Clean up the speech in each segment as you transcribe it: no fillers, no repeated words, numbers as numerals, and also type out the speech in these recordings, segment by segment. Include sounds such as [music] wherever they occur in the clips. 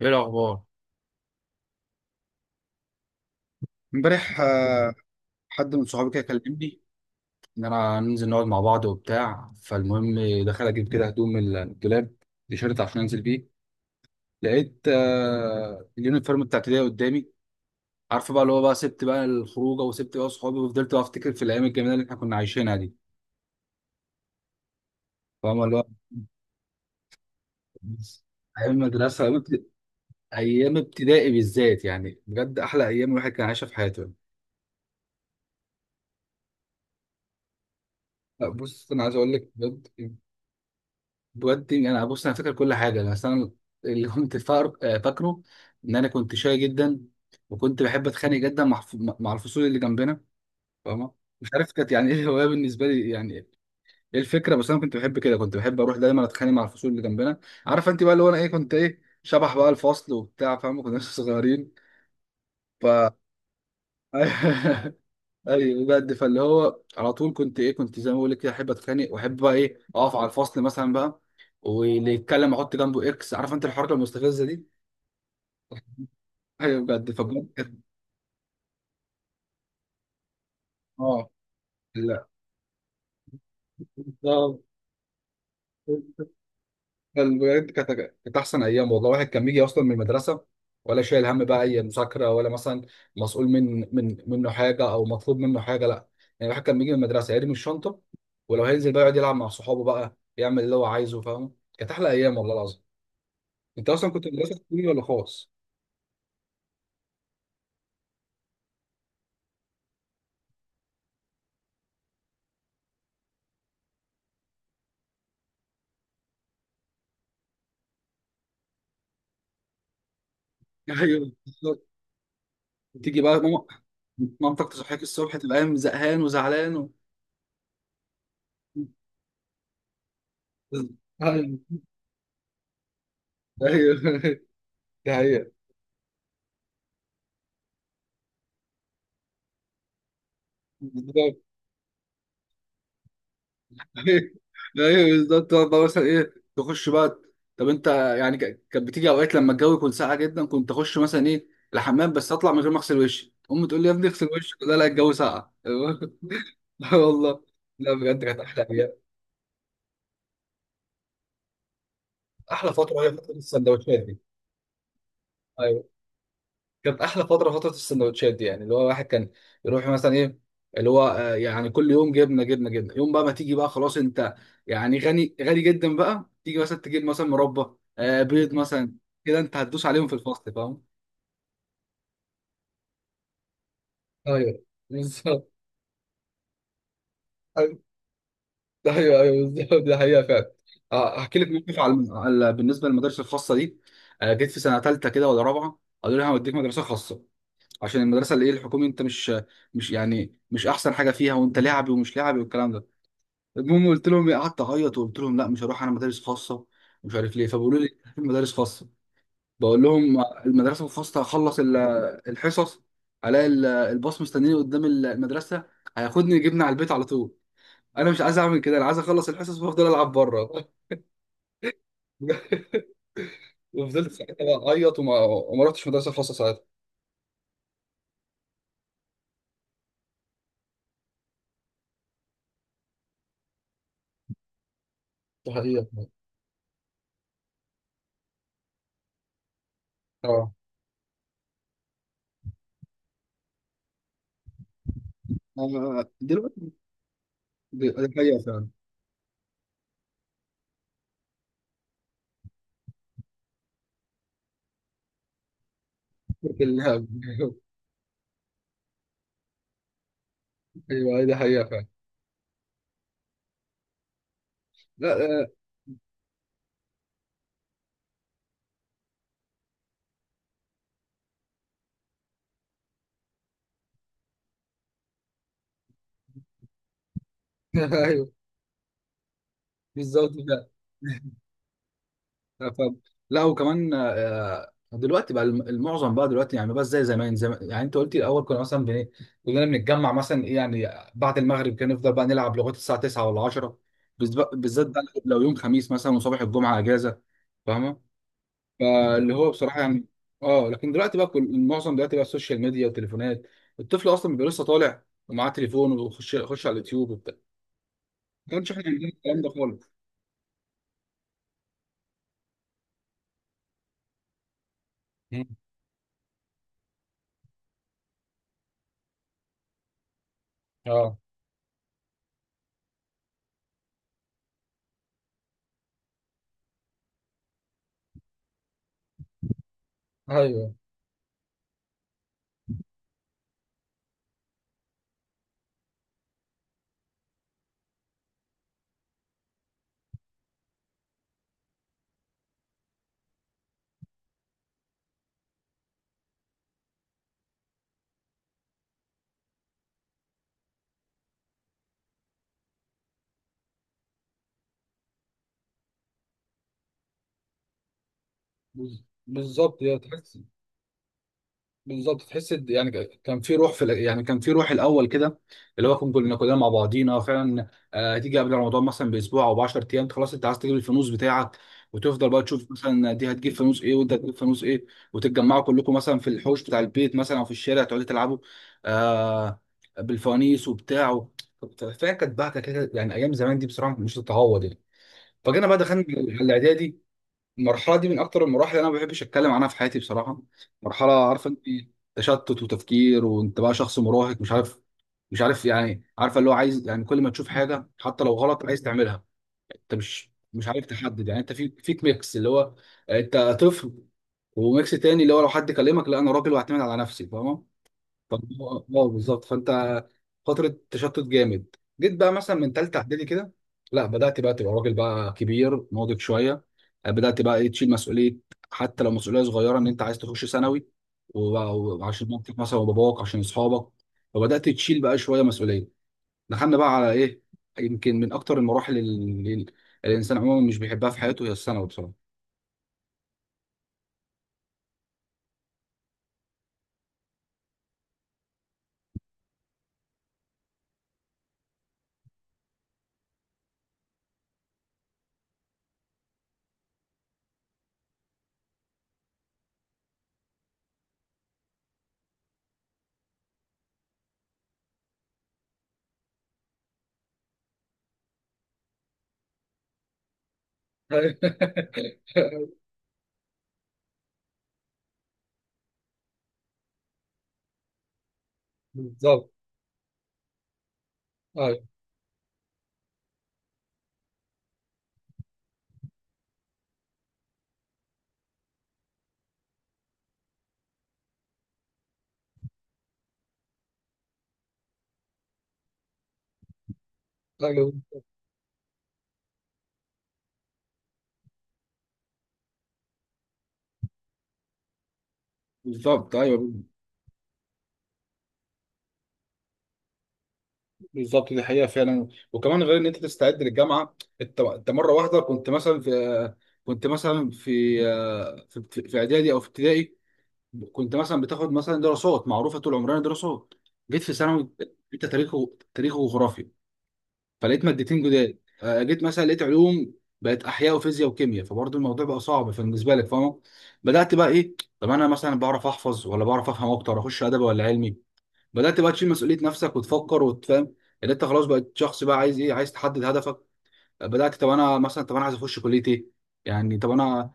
ايه الاخبار؟ امبارح حد من صحابي كده كلمني ان ننزل نقعد مع بعض وبتاع، فالمهم دخل اجيب كده هدوم من الدولاب، تيشيرت عشان انزل بيه. لقيت اليونيفورم بتاع ابتدائي قدامي. عارفه بقى اللي هو بقى سبت بقى الخروجه وسبت بقى صحابي، وفضلت بقى افتكر في الايام الجميله اللي احنا كنا عايشينها دي. فاهم اللي هو ايام المدرسه، أيام ابتدائي بالذات يعني بجد احلى ايام الواحد كان عايشها في حياته. لا بص انا عايز اقول لك بجد، بودي انا بص انا فاكر كل حاجه. بس انا اللي كنت فاكره ان كنت شاي جدا، وكنت بحب اتخانق جدا مع الفصول اللي جنبنا. فاهمه؟ مش عارف كانت يعني ايه الهوايه بالنسبه لي، يعني ايه الفكره، بس انا كنت بحب كده، كنت بحب اروح دايما اتخانق مع الفصول اللي جنبنا. عارف انت بقى اللي هو انا ايه، كنت ايه شبح بقى الفصل وبتاع، فاهمه؟ كنا لسه صغيرين ف... [laughs] ايوه بجد، فاللي هو على طول كنت ايه، كنت زي ما بقول لك كده احب اتخانق واحب بقى ايه اقف على الفصل مثلا بقى، واللي يتكلم احط جنبه اكس. عارف انت الحركه المستفزه دي؟ ايوه بجد، اه لا بالظبط. بجد كانت، كانت احسن ايام والله. واحد كان بيجي اصلا من المدرسه ولا شايل هم بقى اي مذاكره، ولا مثلا مسؤول من منه حاجه او مطلوب منه حاجه، لا. يعني الواحد كان بيجي من المدرسه يرمي الشنطه، ولو هينزل بقى يقعد يلعب مع صحابه بقى، يعمل اللي هو عايزه. فاهم؟ كانت احلى ايام والله العظيم. انت اصلا كنت مدرسه حكومي ولا خاص؟ ايوه بالظبط. تيجي بقى ماما، مامتك تصحيك الصبح، تبقى قايم زهقان وزعلان و... ايوه ايوه [laughs] ده هي بالظبط. ايوه ايوه بالظبط، تقعد بقى مثلا ايه تخش بقى. طب انت، يعني كانت بتيجي اوقات لما الجو يكون ساقع جدا، كنت اخش مثلا ايه الحمام، بس اطلع من غير ما اغسل وشي، امي تقول لي يا ابني اغسل وشك، لا لا الجو ساقع. [laughs] لا والله، لا بجد كانت احلى ايام. احلى فتره هي فتره السندوتشات دي. أيوه. كانت احلى فتره، فتره السندوتشات دي، يعني اللي هو الواحد كان يروح مثلا ايه، اللي هو يعني كل يوم جبنه جبنه جبنه، يوم بقى ما تيجي بقى، خلاص انت يعني غني غني جدا بقى، تيجي مثلا تجيب مثلا مربى، بيض مثلا، كده انت هتدوس عليهم في الفصل، فاهم؟ ايوه بالظبط. [laughs] أيوة. ده ايوه ايوه بالظبط، ده حقيقه فعلا. احكي لك موقف بالنسبه للمدارس الخاصه دي. جيت في سنه ثالثه كده ولا رابعه، قالوا لي هوديك مدرسه خاصه عشان المدرسه اللي ايه الحكومي، انت مش يعني مش احسن حاجه فيها، وانت لعبي ومش لعبي والكلام ده. المهم قلت لهم إيه، قعدت اعيط وقلت لهم لا مش هروح انا مدارس خاصه، مش عارف ليه. فبيقولوا لي في مدارس خاصه، بقول لهم المدرسه الخاصه هخلص الحصص، الاقي الباص مستنيني قدام المدرسه هياخدني يجيبني على البيت على طول. انا مش عايز اعمل كده، انا عايز اخلص الحصص وافضل العب بره. [laughs] وفضلت ساعتها بقى اعيط وما رحتش مدرسه خاصه ساعتها. ده حقيقة. اه دلوقتي دي دي حقيقة فعلا. [laughs] اللعب. ايوه دي حقيقة فعلا. لا آه، [laughs] ايوه بالظبط فعلا. [laughs] ف... لا وكمان دلوقتي بقى المعظم بقى دلوقتي يعني بس زي زمان، زي ما- يعني انت قلتي الاول كنا مثلا بن... كلنا بنتجمع مثلا ايه يعني بعد المغرب، كان نفضل بقى نلعب لغايه الساعه 9 ولا 10، بالذات بقى لو يوم خميس مثلا وصباح الجمعه اجازه. فاهمه؟ فاللي هو بصراحه يعني، اه لكن دلوقتي بقى كل المعظم دلوقتي بقى السوشيال ميديا والتليفونات. الطفل اصلا بيبقى لسه طالع ومعاه تليفون، ويخش على اليوتيوب وبتاع. ما كانش احنا عندنا الكلام ده خالص. مم. اه ايوه بالظبط. يا تحس، بالظبط تحس يعني كان في روح يعني كان في روح الاول كده، اللي هو كنا كلنا مع بعضينا فعلا. هتيجي قبل رمضان مثلا باسبوع او ب 10 ايام، خلاص انت عايز تجيب الفانوس بتاعك، وتفضل بقى تشوف مثلا دي هتجيب فانوس ايه وانت هتجيب فانوس ايه، وتتجمعوا كلكم مثلا في الحوش بتاع البيت مثلا او في الشارع، تقعدوا تلعبوا آه بالفوانيس وبتاع. فهي كانت بقى كده يعني، ايام زمان دي بصراحه مش تتعوض يعني. فجينا بقى دخلنا الاعدادي. المرحلة دي من أكتر المراحل اللي أنا ما بحبش أتكلم عنها في حياتي بصراحة، مرحلة عارفة أنت تشتت وتفكير، وأنت بقى شخص مراهق مش عارف يعني، عارفة اللي هو عايز يعني، كل ما تشوف حاجة حتى لو غلط عايز تعملها، أنت مش عارف تحدد يعني، أنت في فيك ميكس اللي هو أنت طفل، وميكس تاني اللي هو لو حد كلمك لا أنا راجل وأعتمد على نفسي. فاهمة؟ طب اه بالظبط، فانت فتره تشتت جامد. جيت بقى مثلا من ثالثه اعدادي كده، لا بدات بقى تبقى راجل بقى، كبير ناضج شويه، بدات بقى ايه تشيل مسؤوليه، حتى لو مسؤوليه صغيره، ان انت عايز تخش ثانوي وبقى- وعشان مامتك مثلا وباباك عشان اصحابك. فبدات تشيل بقى شويه مسؤوليه، دخلنا بقى على ايه، يمكن من اكتر المراحل اللي الانسان عموما مش بيحبها في حياته هي الثانوي بصراحه. [laughs] بالظبط ايوه. ايوه بالظبط. ايوه بالظبط دي حقيقة فعلا. وكمان غير ان انت تستعد للجامعة، انت مرة واحدة كنت مثلا في، كنت مثلا في، في في اعدادي او في ابتدائي كنت مثلا بتاخد مثلا دراسات، معروفة طول عمرنا دراسات. جيت في ثانوي انت تاريخ تاريخ وجغرافيا، فلقيت مادتين جداد، جيت مثلا لقيت علوم بقت احياء وفيزياء وكيمياء، فبرضه الموضوع بقى صعب فبالنسبة لك. فاهمة؟ بدأت بقى ايه، طب انا مثلا بعرف احفظ ولا بعرف افهم اكتر، اخش ادبي ولا علمي، بدأت بقى تشيل مسؤولية نفسك وتفكر وتفهم ان انت خلاص بقيت شخص بقى عايز ايه، عايز تحدد هدفك. بدأت طب انا مثلا، طب انا عايز اخش كلية ايه، يعني طب انا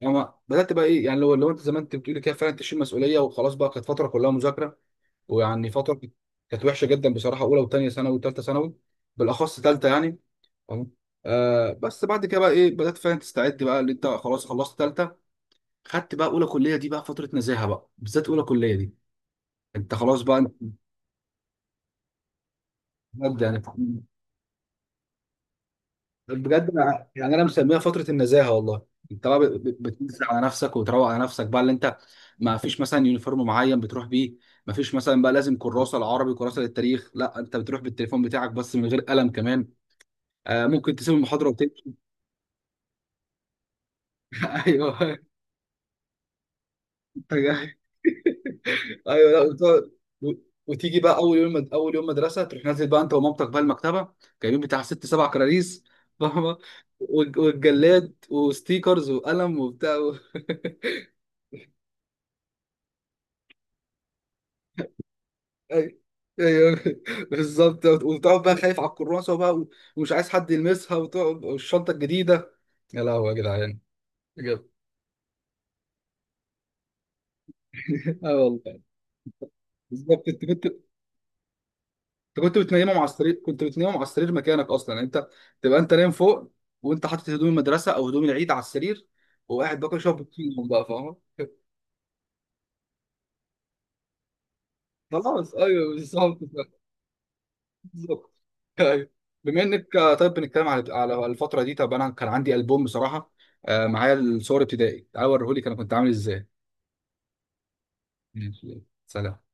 يعني بدأت بقى ايه يعني، لو انت زي ما انت بتقولي كده فعلا تشيل مسؤولية، وخلاص بقى كانت فترة كلها مذاكرة، ويعني فترة كانت، كانت وحشة جدا بصراحة، اولى وثانية ثانوي وثالثة ثانوي، بالأخص ثالثة يعني. تمام؟ آه بس بعد كده بقى ايه، بدأت فعلا تستعد بقى اللي انت خلاص خلصت ثالثة، خدت بقى اولى كلية، دي بقى فترة نزاهة بقى، بالذات اولى كلية دي، انت خلاص بقى، بجد يعني. بجد يعني انا مسميها فتره النزاهه والله، انت بقى بتنزل على نفسك وتروق على نفسك بقى اللي انت، ما فيش مثلا يونيفورم معين بتروح بيه، ما فيش مثلا بقى لازم كراسه العربي كراسه للتاريخ، لا انت بتروح بالتليفون بتاعك بس من غير قلم كمان، آه ممكن تسيب المحاضره وتمشي. [laughs] ايوه أنت جاي. ايوه لا و- وتيجي بقى اول يوم، اول يوم مدرسه تروح نازل بقى انت ومامتك بقى المكتبه، جايبين بتاع ست سبع كراريس، فاهمه؟ والجلاد وستيكرز وقلم وبتاع. [laughs] ايوه ايوه [laughs] بالظبط، وتقعد بقى خايف على الكراسه بقى و... ومش عايز حد يلمسها، وتقعد والشنطه الجديده، يا لهوي يا جدعان بجد. [laughs] اه والله. بالظبط، انت كنت بتنيمهم على السرير، كنت بتنيمهم على السرير مكانك اصلا، يعني انت تبقى انت نايم فوق، وانت حاطط هدوم المدرسه او هدوم العيد على السرير، وقاعد باكل شرب فيهم بقى، فاهم؟ [laughs] خلاص ايوه بالظبط. بالظبط أيوة. بما انك طيب بنتكلم على على الفتره دي، طب انا كان عندي البوم بصراحه، معايا الصور ابتدائي، تعال اوريهولك انا كنت عامل ازاي. ماشي. سلام.